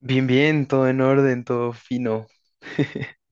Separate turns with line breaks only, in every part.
Bien, bien, todo en orden, todo fino.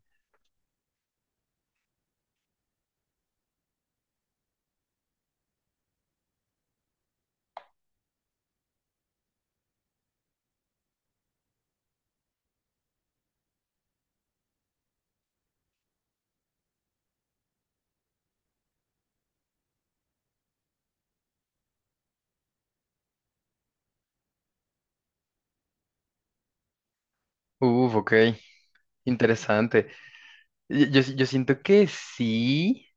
Uf, ok, interesante. Yo siento que sí.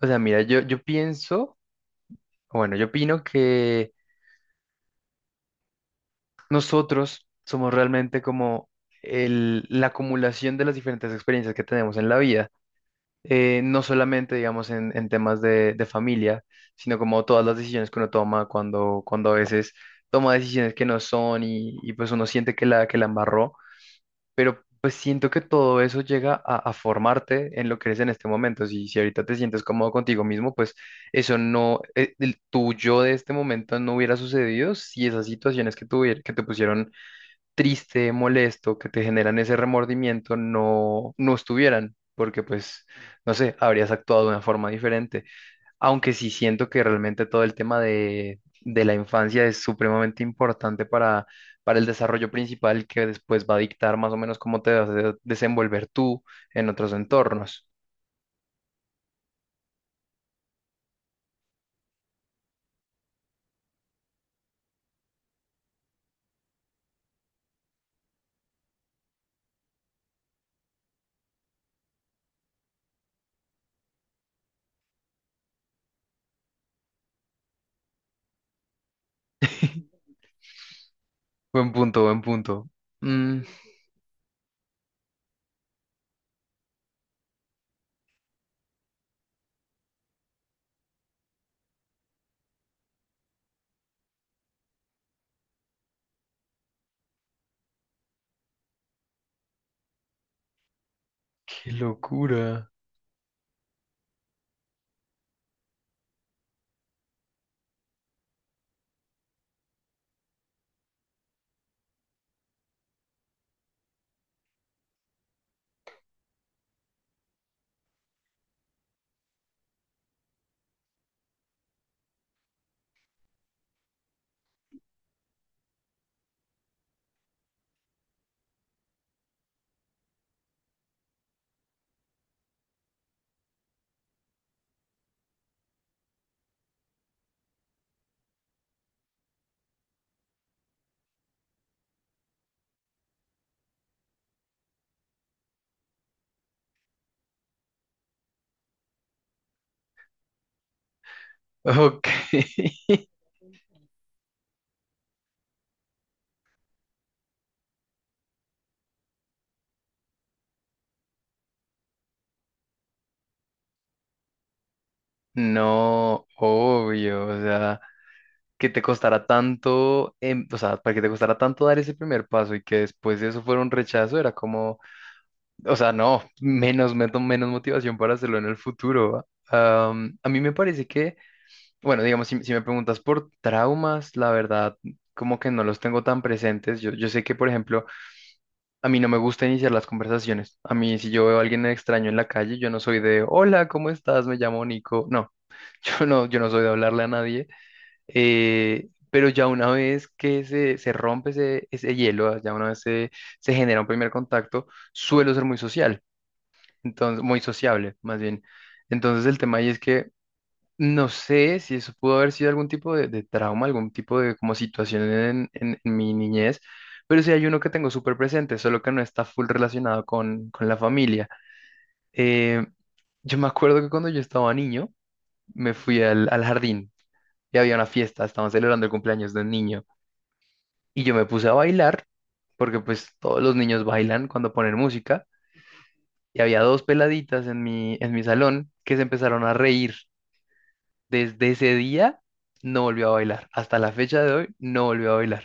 O sea, mira, yo pienso, o bueno, yo opino que nosotros somos realmente como la acumulación de las diferentes experiencias que tenemos en la vida. No solamente, digamos, en temas de familia, sino como todas las decisiones que uno toma cuando a veces toma decisiones que no son y pues uno siente que que la embarró. Pero pues siento que todo eso llega a formarte en lo que eres en este momento. Si, si ahorita te sientes cómodo contigo mismo, pues eso no, el tuyo de este momento no hubiera sucedido si esas situaciones que, que te pusieron triste, molesto, que te generan ese remordimiento, no, no estuvieran. Porque pues, no sé, habrías actuado de una forma diferente. Aunque sí siento que realmente todo el tema de la infancia es supremamente importante para el desarrollo principal que después va a dictar más o menos cómo te vas a desenvolver tú en otros entornos. Buen punto, buen punto. Mm, qué locura. Ok. No, obvio, o sea, que te costara tanto, o sea, para que te costara tanto dar ese primer paso y que después de eso fuera un rechazo, era como… O sea, no, menos, menos, menos motivación para hacerlo en el futuro. ¿Va? A mí me parece que, bueno, digamos, si, si me preguntas por traumas, la verdad, como que no los tengo tan presentes. Yo sé que, por ejemplo, a mí no me gusta iniciar las conversaciones. A mí, si yo veo a alguien extraño en la calle, yo no soy de, hola, ¿cómo estás? Me llamo Nico. No, yo no soy de hablarle a nadie. Pero ya una vez que se rompe ese, ese hielo, ya una vez se, se genera un primer contacto, suelo ser muy social. Entonces, muy sociable, más bien. Entonces, el tema ahí es que no sé si eso pudo haber sido algún tipo de trauma, algún tipo de como situación en, en mi niñez, pero sí hay uno que tengo súper presente, solo que no está full relacionado con la familia. Eh, yo me acuerdo que cuando yo estaba niño, me fui al, al jardín y había una fiesta, estaban celebrando el cumpleaños de un niño y yo me puse a bailar, porque pues todos los niños bailan cuando ponen música. Y había dos peladitas en mi salón que se empezaron a reír. Desde ese día no volvió a bailar. Hasta la fecha de hoy no volvió a bailar.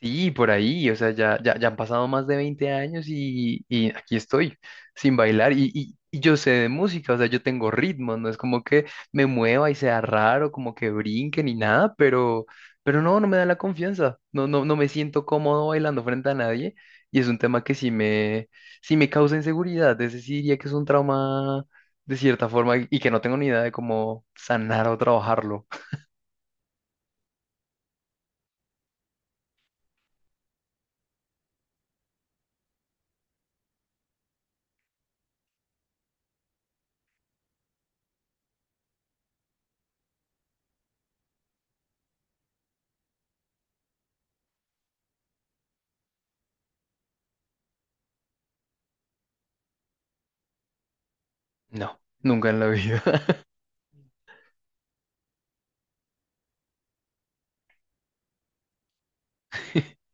Sí, por ahí, o sea, ya, ya, ya han pasado más de 20 años y aquí estoy sin bailar y y- yo sé de música, o sea, yo tengo ritmo, no es como que me mueva y sea raro, como que brinque ni nada, pero no, no me da la confianza, no, no, no me siento cómodo bailando frente a nadie y es un tema que sí sí me causa inseguridad, es decir, diría que es un trauma de cierta forma y que no tengo ni idea de cómo sanar o trabajarlo. No, nunca en la vida.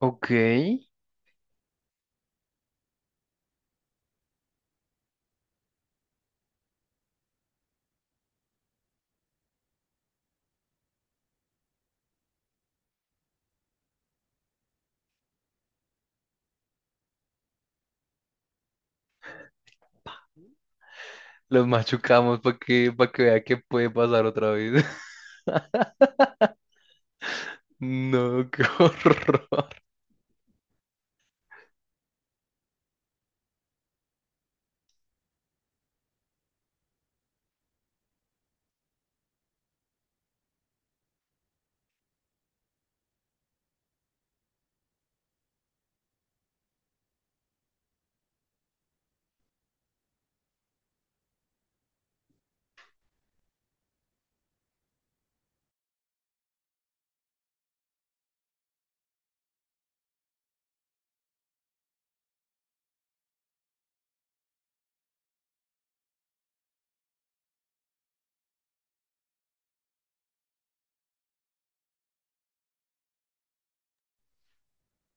Ok. Los machucamos para que vea que puede pasar otra vez. No, qué horror.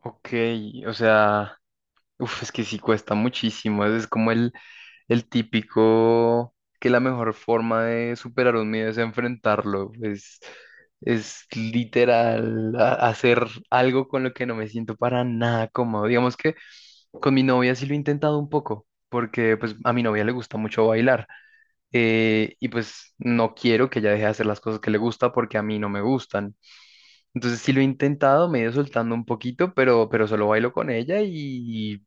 Ok, o sea, uf, es que sí cuesta muchísimo. Es como el típico que la mejor forma de superar un miedo es enfrentarlo. Es literal hacer algo con lo que no me siento para nada cómodo. Digamos que con mi novia sí lo he intentado un poco, porque pues a mi novia le gusta mucho bailar. Eh, y pues no quiero que ella deje de hacer las cosas que le gusta porque a mí no me gustan. Entonces sí lo he intentado, me he ido soltando un poquito, pero solo bailo con ella y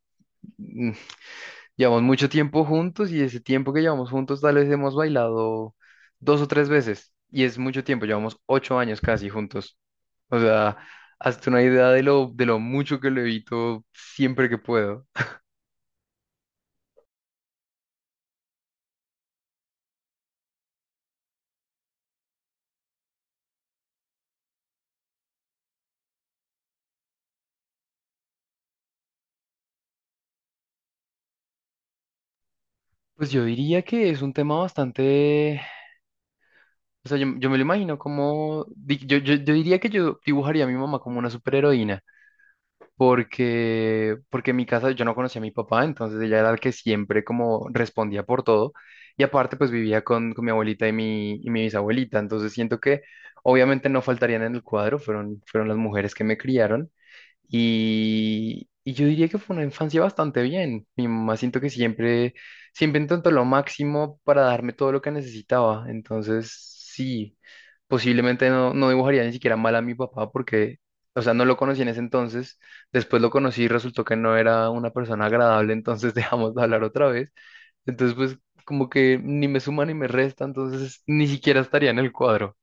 mm, llevamos mucho tiempo juntos y ese tiempo que llevamos juntos tal vez hemos bailado dos o tres veces y es mucho tiempo, llevamos 8 años casi juntos. O sea, hazte una idea de lo mucho que lo evito siempre que puedo. Pues yo diría que es un tema bastante… O sea, yo me lo imagino como, yo, yo, yo diría que yo dibujaría a mi mamá como una superheroína, porque, porque en mi casa yo no conocía a mi papá, entonces ella era la que siempre como respondía por todo, y aparte pues vivía con mi abuelita y mi bisabuelita, entonces siento que obviamente no faltarían en el cuadro, fueron, fueron las mujeres que me criaron, y yo diría que fue una infancia bastante bien. Mi mamá siento que siempre, siempre intentó lo máximo para darme todo lo que necesitaba. Entonces, sí, posiblemente no, no dibujaría ni siquiera mal a mi papá porque, o sea, no lo conocí en ese entonces. Después lo conocí y resultó que no era una persona agradable, entonces dejamos de hablar otra vez. Entonces, pues, como que ni me suma ni me resta, entonces ni siquiera estaría en el cuadro.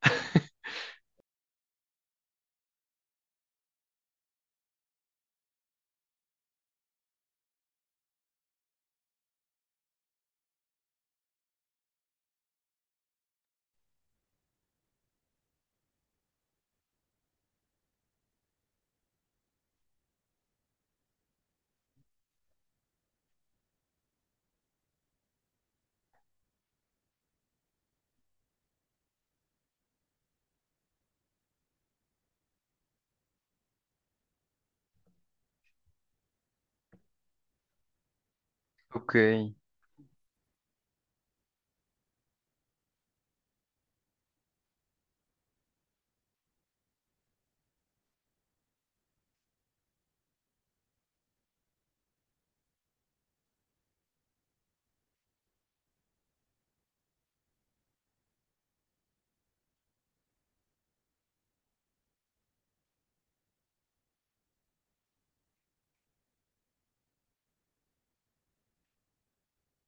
Ok.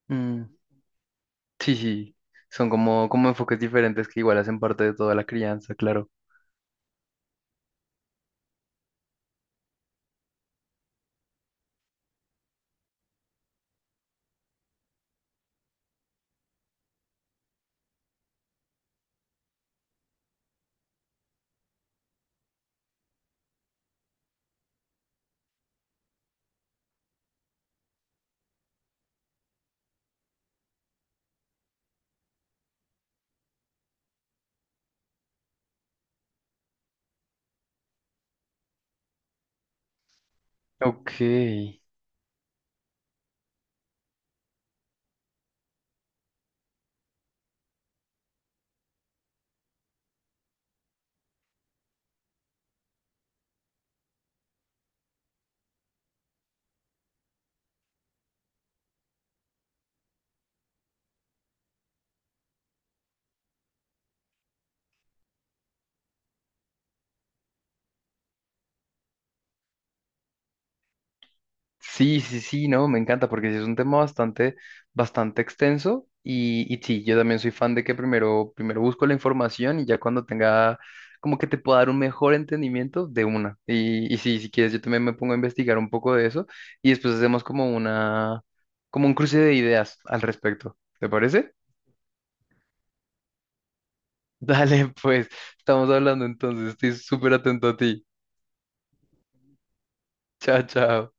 Mm. Sí, sí, son como, como enfoques diferentes que igual hacen parte de toda la crianza, claro. Ok. Sí, sí, sí, no, me encanta porque sí es un tema bastante, bastante extenso y sí, yo también soy fan de que primero, primero busco la información y ya cuando tenga, como que te pueda dar un mejor entendimiento de una. Y sí, si quieres, yo también me pongo a investigar un poco de eso y después hacemos como una, como un cruce de ideas al respecto. ¿Te parece? Dale, pues, estamos hablando entonces, estoy súper atento a ti. Chao, chao.